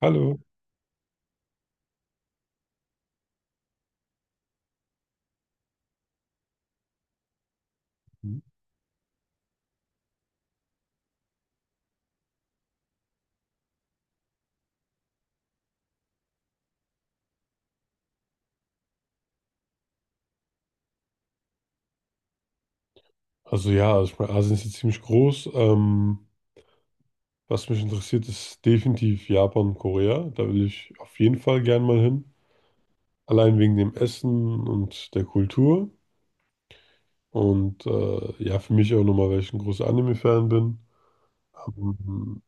Hallo. Also ja, also ich meine, Asien ist jetzt ziemlich groß. Was mich interessiert, ist definitiv Japan und Korea. Da will ich auf jeden Fall gern mal hin. Allein wegen dem Essen und der Kultur. Und ja, für mich auch nochmal, weil ich ein großer Anime-Fan bin. Ähm,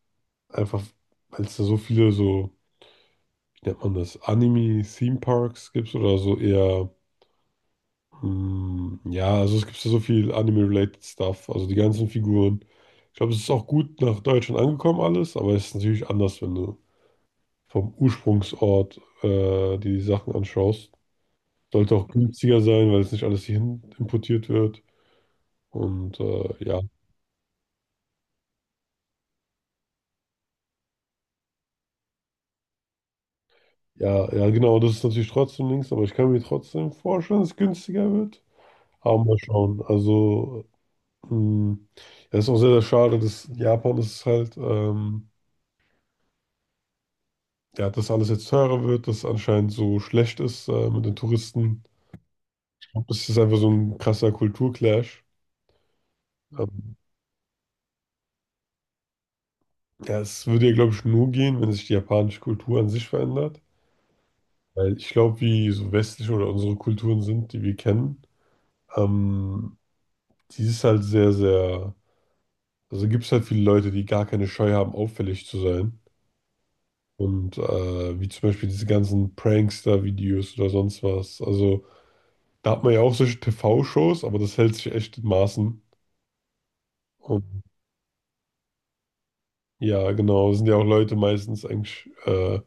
Einfach, weil es da so viele so, wie nennt man das, Anime-Theme-Parks gibt oder so eher. Hm. Ja, also es gibt ja so viel Anime-related Stuff, also die ganzen Figuren. Ich glaube, es ist auch gut nach Deutschland angekommen alles, aber es ist natürlich anders, wenn du vom Ursprungsort die Sachen anschaust. Sollte auch günstiger sein, weil es nicht alles hierhin importiert wird. Und ja, ja, ja, genau, das ist natürlich trotzdem links, aber ich kann mir trotzdem vorstellen, dass es günstiger wird. Aber mal schauen. Hm, ja, ist auch sehr, sehr schade, dass Japan ist halt. Ja, dass alles jetzt teurer wird, dass es anscheinend so schlecht ist mit den Touristen. Ich glaub, das ist einfach so ein krasser Kulturclash. Ähm, ja, es würde ja, glaube ich, nur gehen, wenn sich die japanische Kultur an sich verändert. Weil ich glaube, wie so westliche oder unsere Kulturen sind, die wir kennen, ähm, die ist halt sehr, sehr. Also gibt es halt viele Leute, die gar keine Scheu haben, auffällig zu sein. Und wie zum Beispiel diese ganzen Prankster-Videos oder sonst was. Also da hat man ja auch solche TV-Shows, aber das hält sich echt in Maßen. Ja, genau. Das sind ja auch Leute meistens eigentlich.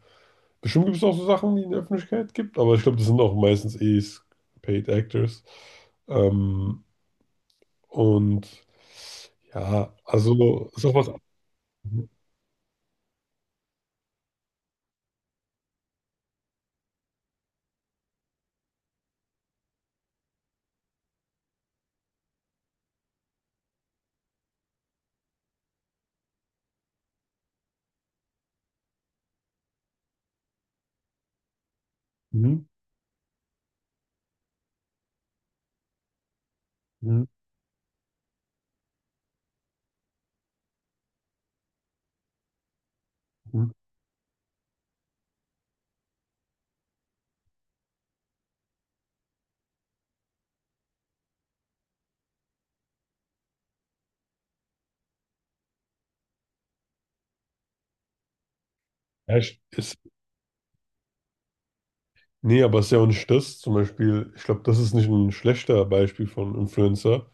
Bestimmt gibt es auch so Sachen, die in der Öffentlichkeit gibt, aber ich glaube, das sind auch meistens eh Paid Actors. Ähm, und ja, also ist auch was. Mhm, mhm, mhm. Ist, nee, aber es ist ja auch nicht das. Zum Beispiel, ich glaube, das ist nicht ein schlechter Beispiel von Influencer.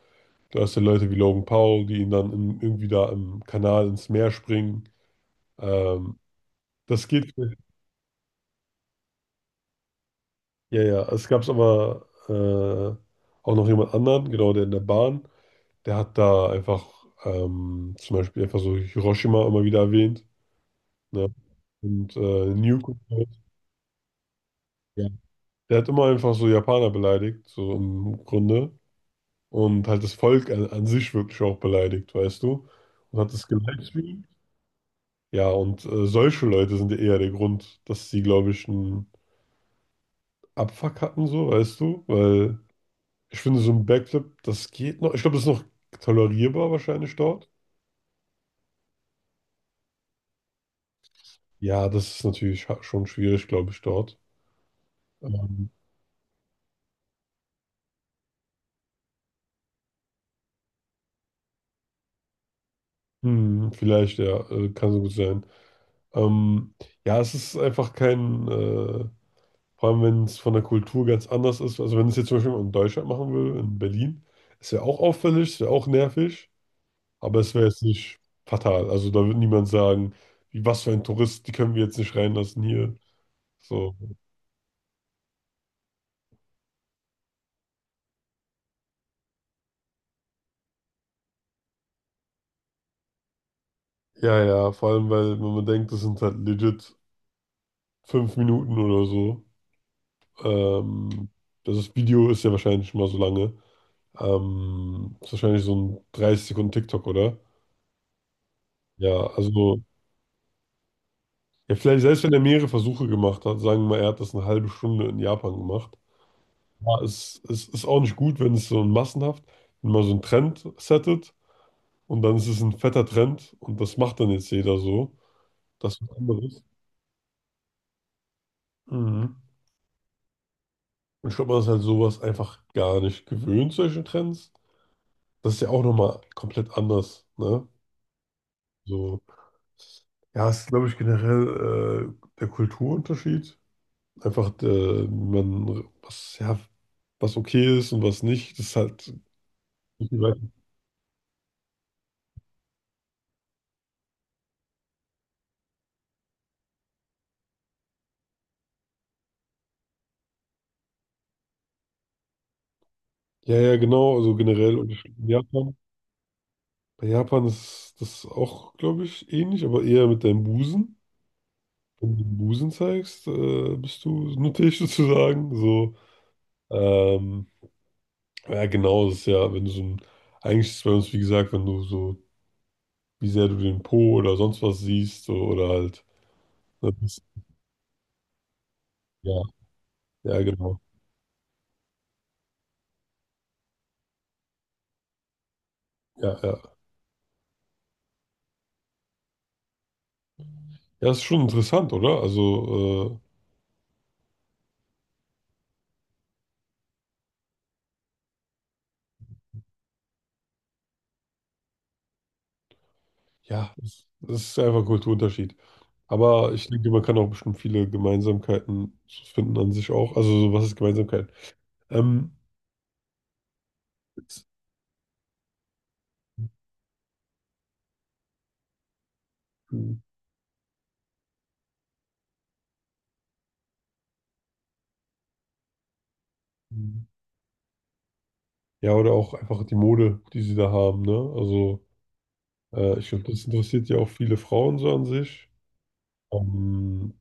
Du hast ja Leute wie Logan Paul, die ihn dann in, irgendwie da im Kanal ins Meer springen. Ähm, Das geht. Ja, ja, es gab aber auch noch jemand anderen, genau, der in der Bahn, der hat da einfach zum Beispiel einfach so Hiroshima immer wieder erwähnt, ne? Und Nuke und so. Ja. Der hat immer einfach so Japaner beleidigt, so im Grunde. Und halt das Volk an, an sich wirklich auch beleidigt, weißt du? Und hat das gelivestreamt. Ja, und solche Leute sind ja eher der Grund, dass sie, glaube ich, einen Abfuck hatten, so, weißt du? Weil. Ich finde so ein Backflip, das geht noch. Ich glaube, das ist noch tolerierbar wahrscheinlich dort. Ja, das ist natürlich schon schwierig, glaube ich, dort. Ähm, vielleicht, ja, kann so gut sein. Ähm, ja, es ist einfach kein, vor allem wenn es von der Kultur ganz anders ist. Also wenn es jetzt zum Beispiel in Deutschland machen will, in Berlin, es wäre auch auffällig, es wäre auch nervig, aber es wäre jetzt nicht fatal. Also da wird niemand sagen, wie was für ein Tourist, die können wir jetzt nicht reinlassen hier. So. Ja, ja, vor allem, weil, wenn man denkt, das sind halt legit fünf Minuten oder so. Ähm, also das Video ist ja wahrscheinlich schon mal so lange. Ist wahrscheinlich so ein 30 Sekunden TikTok, oder? Ja, also, ja, vielleicht, selbst wenn er mehrere Versuche gemacht hat, sagen wir mal, er hat das eine halbe Stunde in Japan gemacht. Ja, es ist auch nicht gut, wenn es so ein massenhaft, wenn man so einen Trend settet und dann ist es ein fetter Trend und das macht dann jetzt jeder so. Das ist was anderes. Mhm. Und ich glaube, man ist halt sowas einfach gar nicht gewöhnt, solche Trends. Das ist ja auch nochmal komplett anders, ne? So, ja, es ist, glaube ich, generell der Kulturunterschied. Einfach, der, wie man, was, ja, was okay ist und was nicht, das ist halt. In Japan. Bei Japan ist das auch, glaube ich, ähnlich, aber eher mit deinem Busen. Wenn du den Busen zeigst, bist du nuttig sozusagen. So, ähm, ja, genau, das ist ja, wenn du so ein, eigentlich ist es bei uns, wie gesagt, wenn du so, wie sehr du den Po oder sonst was siehst, so, oder halt, ne, das, ja, ja, genau, ja, ja. Ja, ist schon interessant, oder? Also, ja, das, das ist einfach ein Kulturunterschied. Aber ich denke, man kann auch bestimmt viele Gemeinsamkeiten so finden an sich auch. Also, so, was ist Gemeinsamkeit? Ähm, Jetzt, ja, oder auch einfach die Mode, die sie da haben, ne? Also, ich glaube, das interessiert ja auch viele Frauen so an sich. Ähm,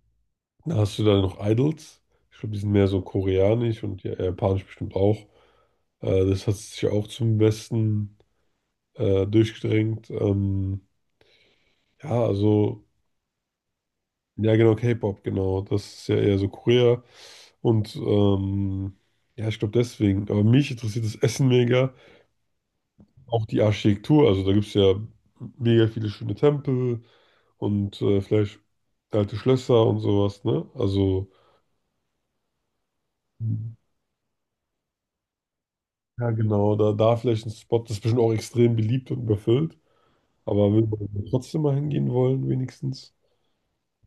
Na, hast du da noch Idols? Ich glaube, die sind mehr so koreanisch und japanisch bestimmt auch. Das hat sich ja auch zum Westen durchgedrängt. Ja, also, ja, genau, K-Pop, genau. Das ist ja eher so Korea. Und ja, ich glaube deswegen. Aber mich interessiert das Essen mega. Auch die Architektur. Also, da gibt es ja mega viele schöne Tempel und vielleicht alte Schlösser und sowas, ne? Also. Ja, genau, da, da vielleicht ein Spot, das ist bestimmt auch extrem beliebt und überfüllt, aber will man trotzdem mal hingehen wollen, wenigstens.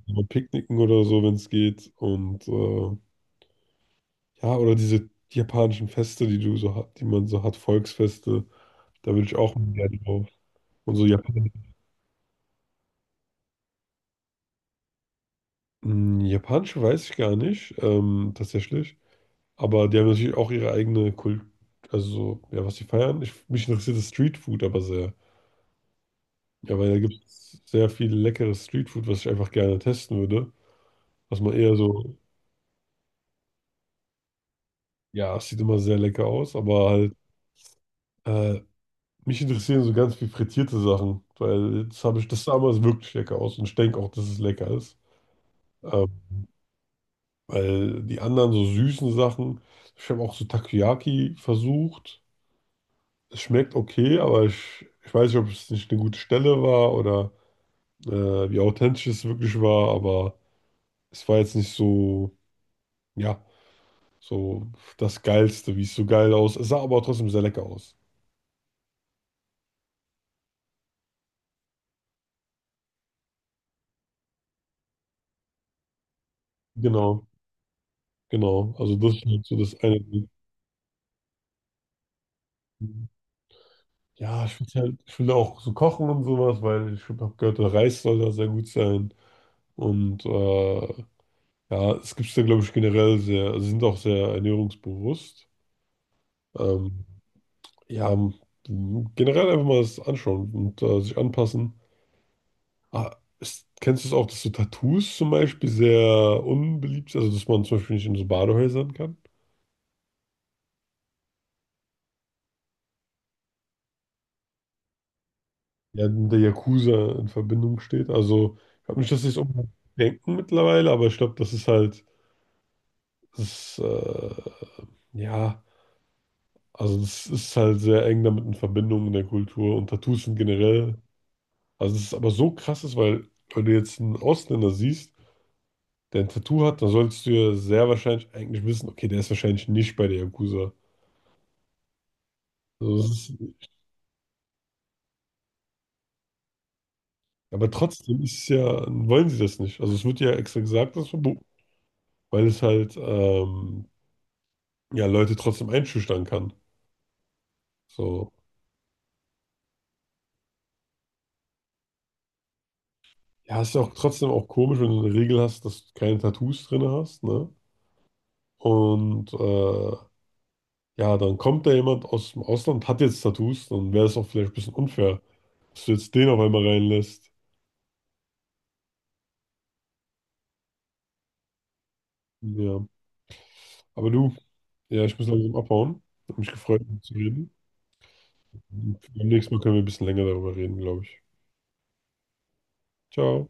Mal picknicken oder so, wenn es geht. Und ja, oder diese japanischen Feste, die du so hat, die man so hat, Volksfeste, da will ich auch mal gerne drauf. Und so Japan. Hm, japanische weiß ich gar nicht, tatsächlich. Aber die haben natürlich auch ihre eigene Kult, also so, ja, was sie feiern. Ich, mich interessiert das Streetfood aber sehr. Ja, weil da gibt es sehr viel leckeres Streetfood, was ich einfach gerne testen würde. Dass man eher so, ja, es sieht immer sehr lecker aus, aber halt, äh, mich interessieren so ganz viel frittierte Sachen, weil das habe ich, das sah damals wirklich lecker aus und ich denke auch, dass es lecker ist. Ähm, Weil die anderen so süßen Sachen, ich habe auch so Takoyaki versucht. Es schmeckt okay, aber ich weiß nicht, ob es nicht eine gute Stelle war oder wie authentisch es wirklich war, aber es war jetzt nicht so, ja, so das Geilste, wie es so geil aus. Es sah aber trotzdem sehr lecker aus. Genau. Genau, also das ist halt so das eine. Ja, ich will halt, ich will auch so kochen und sowas, weil ich habe gehört, der Reis soll da sehr gut sein. Und ja, es gibt es da, glaube ich, generell sehr, also sie sind auch sehr ernährungsbewusst. Ähm, ja, generell einfach mal das anschauen und sich anpassen. Ah, ist, kennst du es auch, dass so Tattoos zum Beispiel sehr unbeliebt sind, also dass man zum Beispiel nicht in so Badehäusern kann? Ja, mit der Yakuza in Verbindung steht. Also, ich glaube nicht, dass sie es unbedingt denken mittlerweile, aber ich glaube, das ist halt, das ist, ja, also das ist halt sehr eng damit in Verbindung in der Kultur und Tattoos sind generell. Also, es ist aber so krass ist, weil wenn du jetzt einen Ausländer siehst, der ein Tattoo hat, dann solltest du ja sehr wahrscheinlich eigentlich wissen, okay, der ist wahrscheinlich nicht bei der Yakuza. Also das ist, aber trotzdem ist es ja, wollen sie das nicht. Also es wird ja extra gesagt, dass es verboten, weil es halt ja, Leute trotzdem einschüchtern kann. So. Ja, ist ja auch trotzdem auch komisch, wenn du eine Regel hast, dass du keine Tattoos drin hast, ne? Und ja, dann kommt da jemand aus dem Ausland, hat jetzt Tattoos, dann wäre es auch vielleicht ein bisschen unfair, dass du jetzt den auf einmal reinlässt. Ja, aber du, ja, ich muss langsam abhauen. Hat mich gefreut, mit dir zu reden. Und beim nächsten Mal können wir ein bisschen länger darüber reden, glaube ich. Ciao.